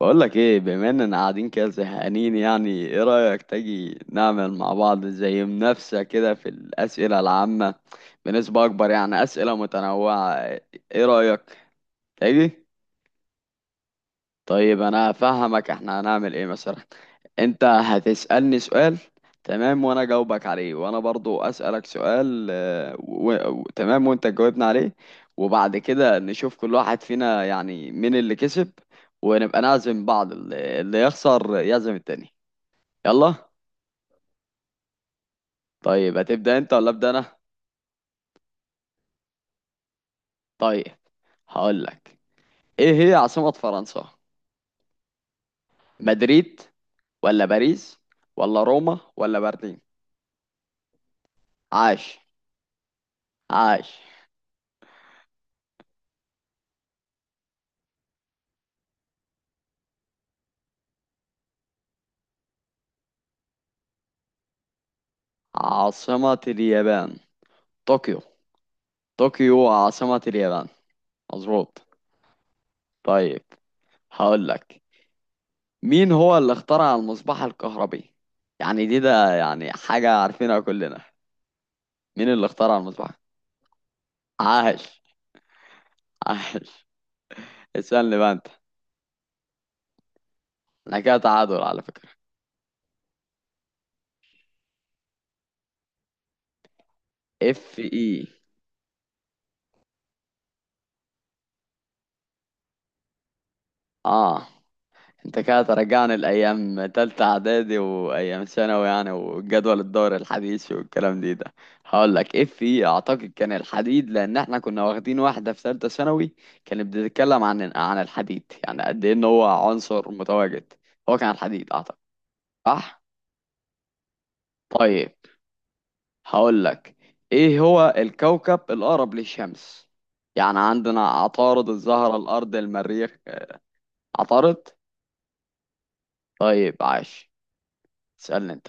بقول لك ايه، بما اننا قاعدين كده زهقانين. يعني ايه رأيك تيجي نعمل مع بعض زي منافسة كده في الأسئلة العامة بنسبة أكبر، يعني أسئلة متنوعة؟ ايه رأيك؟ تيجي؟ طيب انا هفهمك احنا هنعمل ايه مثلا. انت هتسألني سؤال، تمام، وانا جاوبك عليه، وانا برضو اسألك سؤال تمام، وانت تجاوبنا عليه. وبعد كده نشوف كل واحد فينا يعني مين اللي كسب، ونبقى نعزم بعض، اللي يخسر يعزم التاني. يلا. طيب هتبدأ انت ولا ابدأ انا؟ طيب هقولك، ايه هي عاصمة فرنسا؟ مدريد ولا باريس ولا روما ولا برلين؟ عاش، عاش. عاصمة اليابان طوكيو. طوكيو عاصمة اليابان، مظبوط. طيب هقول لك، مين هو اللي اخترع المصباح الكهربي؟ يعني ده يعني حاجة عارفينها كلنا. مين اللي اخترع المصباح؟ عاش، عاش. اسألني بقى انت، انا كده تعادل على فكرة. اف اي، اه. انت كده ترجعني لايام تالتة اعدادي وايام ثانوي يعني، وجدول الدوري الحديث والكلام ده. هقول لك اف في، اعتقد كان الحديد، لان احنا كنا واخدين واحدة في تالتة ثانوي كانت بتتكلم عن الحديد، يعني قد ايه ان هو عنصر متواجد. هو كان الحديد اعتقد. صح. طيب هقول لك، ايه هو الكوكب الاقرب للشمس؟ يعني عندنا عطارد، الزهرة، الارض، المريخ. عطارد. طيب عاش. اسألني انت.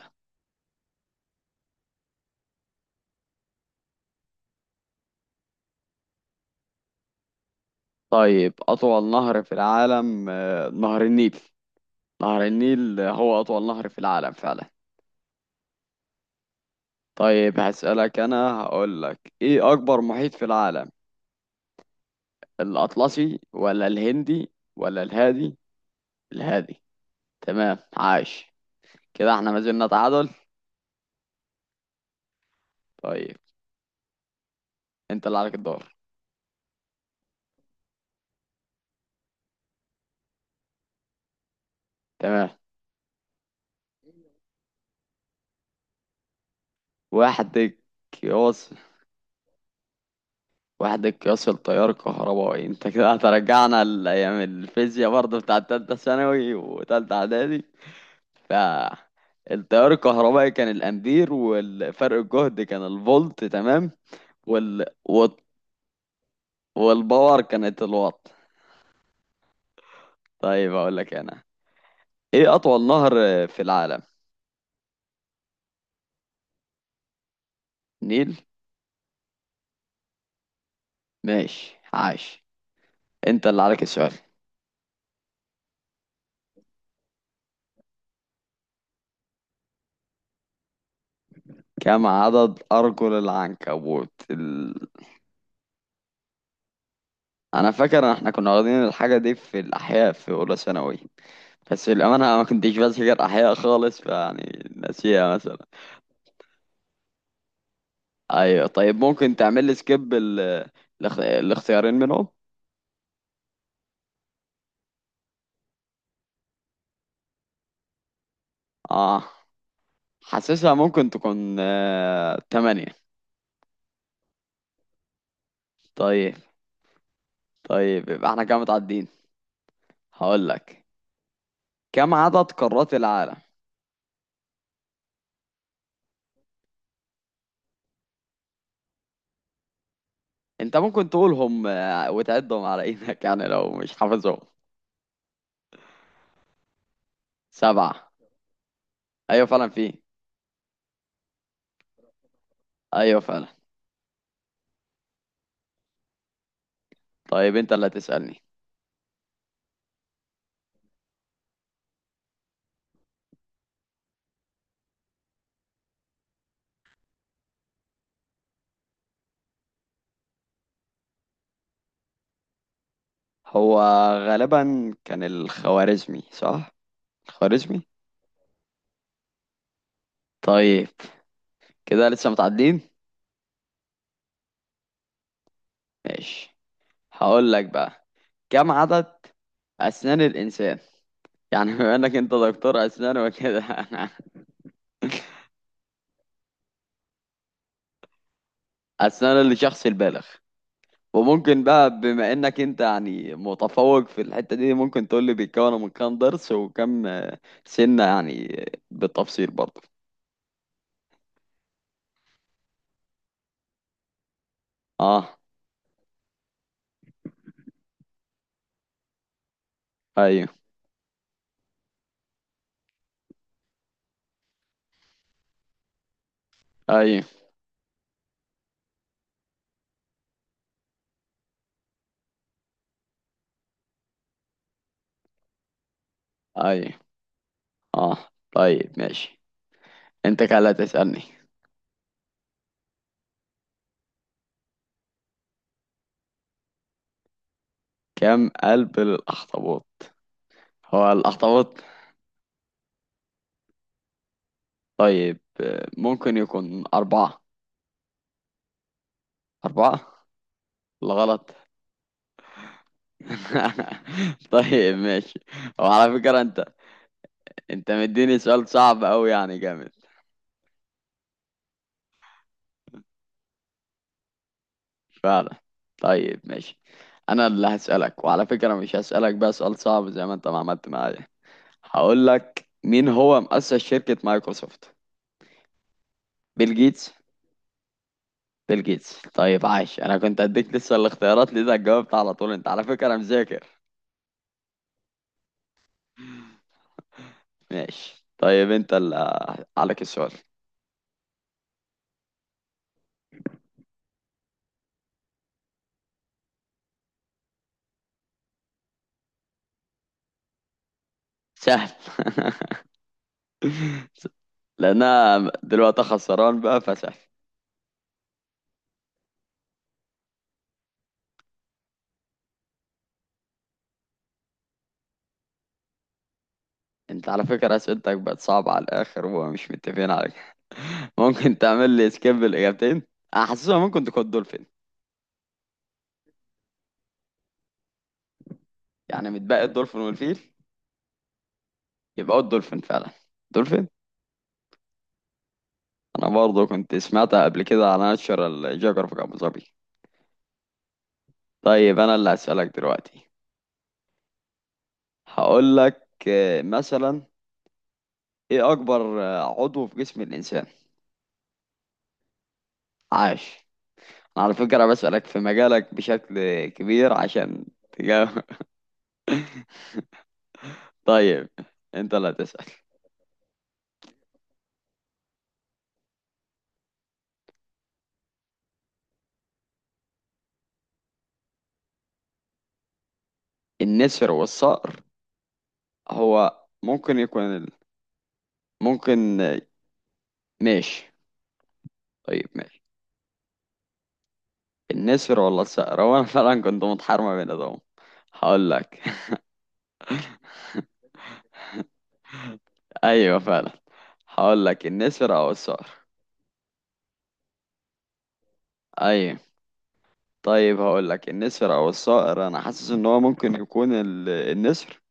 طيب أطول نهر في العالم نهر النيل. نهر النيل هو أطول نهر في العالم فعلا. طيب هسألك أنا، هقول لك إيه أكبر محيط في العالم؟ الأطلسي ولا الهندي ولا الهادي؟ الهادي. تمام عاش. كده احنا ما زلنا تعادل. طيب انت اللي عليك الدور. تمام. وحدك قياس، وحدك قياس التيار الكهربائي، انت كده هترجعنا لأيام الفيزياء برضه بتاعت تالتة ثانوي وتالتة إعدادي. فالتيار الكهربائي كان الامبير، والفرق الجهد كان الفولت تمام. وال... وال... والباور كانت الوات. طيب اقول لك انا، ايه اطول نهر في العالم؟ نيل. ماشي عاش. انت اللي عليك السؤال. كم عدد ارجل العنكبوت انا فاكر ان احنا كنا واخدين الحاجه دي في الاحياء في اولى ثانوي، بس للامانه أنا ما كنتش بذاكر احياء خالص، فيعني ناسيها مثلا. ايوه طيب ممكن تعمل لي سكيب الاختيارين منهم؟ اه. حاسسها ممكن تكون تمانية. طيب. طيب يبقى احنا كده متعدين. هقول لك، كم عدد قارات العالم؟ انت ممكن تقولهم وتعدهم على ايدك يعني لو مش حافظهم. سبعة. ايوه فعلا في. ايوه فعلا. طيب انت اللي هتسألني. هو غالبا كان الخوارزمي، صح؟ الخوارزمي. طيب كده لسه متعدين. ماشي. هقول لك بقى، كم عدد أسنان الإنسان؟ يعني بما إنك أنت دكتور أسنان وكده أنا. أسنان الشخص البالغ. وممكن بقى بما إنك أنت يعني متفوق في الحتة دي، ممكن تقول لي بيتكون من كام ضرس وكم سنة، يعني بالتفصيل برضه. أه. أيوه، أيوه، أيوه. أه. طيب ماشي. أنت كده اللي هتسألني. كم قلب للأخطبوط؟ هو الأخطبوط. طيب ممكن يكون أربعة. أربعة. الغلط. طيب ماشي. وعلى فكرة انت، انت مديني سؤال صعب اوي يعني، جامد. فعلا. طيب ماشي. انا اللي هسألك، وعلى فكرة مش هسألك بقى سؤال صعب زي ما انت ما عملت معايا. هقول لك، مين هو مؤسس شركة مايكروسوفت؟ بيل جيتس. بيل جيتس طيب عاش. انا كنت اديك لسه الاختيارات ليه، ده جاوبت على طول. انت على فكرة مذاكر. ماشي. طيب انت اللي عليك السؤال. سهل لان انا دلوقتي خسران بقى، فسح. انت على فكرة اسئلتك بقت صعبة على الاخر، ومش متفقين على كده. ممكن تعمل لي سكيب الاجابتين؟ انا حاسسها ممكن تكون دولفين. يعني متبقي الدولفين والفيل. يبقى هو الدولفين فعلا. دولفين. انا برضه كنت سمعتها قبل كده على ناشونال جيوغرافيك ابو ظبي. طيب انا اللي هسألك دلوقتي. هقول لك مثلا، ايه اكبر عضو في جسم الانسان؟ عاش. انا على فكرة بسألك في مجالك بشكل كبير، عشان تجاوب. طيب. انت لا تسأل. النسر والصقر. هو ممكن يكون ممكن. ماشي. طيب ماشي. النسر ولا الصقر، هو انا فعلا كنت متحرمة بين ده. هقول لك. ايوه فعلا. هقول لك النسر او الصقر. ايوه. طيب هقول لك النسر او الصقر، انا حاسس ان هو ممكن يكون النسر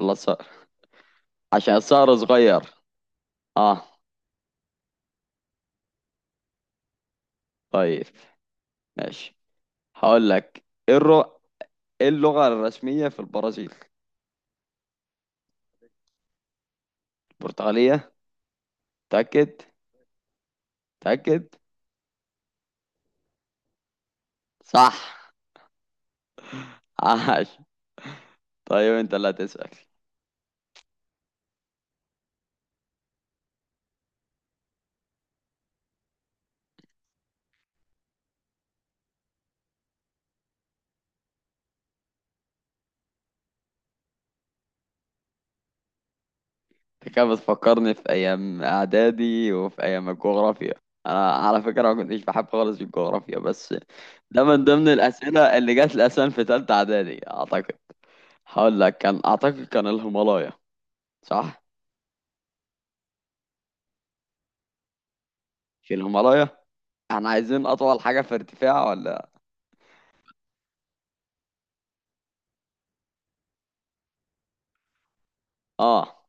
ولا الصقر. عشان الصقر صغير. اه. طيب ماشي. هقول لك إيه اللغة الرسمية في البرازيل؟ البرتغالية. تأكد. تأكد. صح. عاش. طيب انت اللي هتسأل. انت كده بتفكرني في ايام اعدادي وفي ايام الجغرافيا. انا على فكرة ما كنتش بحب خالص الجغرافيا، بس ده من ضمن الاسئلة اللي جات لي اصلا في تالتة اعدادي اعتقد. هقول لك كان اعتقد كان الهيمالايا. صح. في الهيمالايا. احنا عايزين اطول حاجة في ارتفاع ولا؟ اه.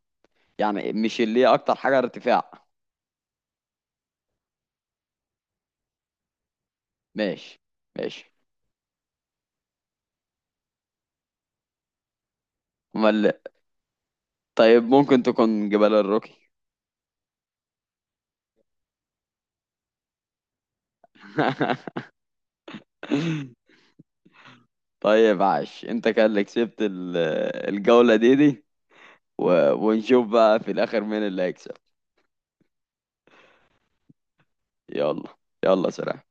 يعني مش اللي هي اكتر حاجة ارتفاع. ماشي. ماشي. امال. طيب ممكن تكون جبال الروكي. طيب عاش. انت كان اللي كسبت الجولة دي. و... ونشوف بقى في الاخر مين اللي هيكسب. يلا. يلا سلام.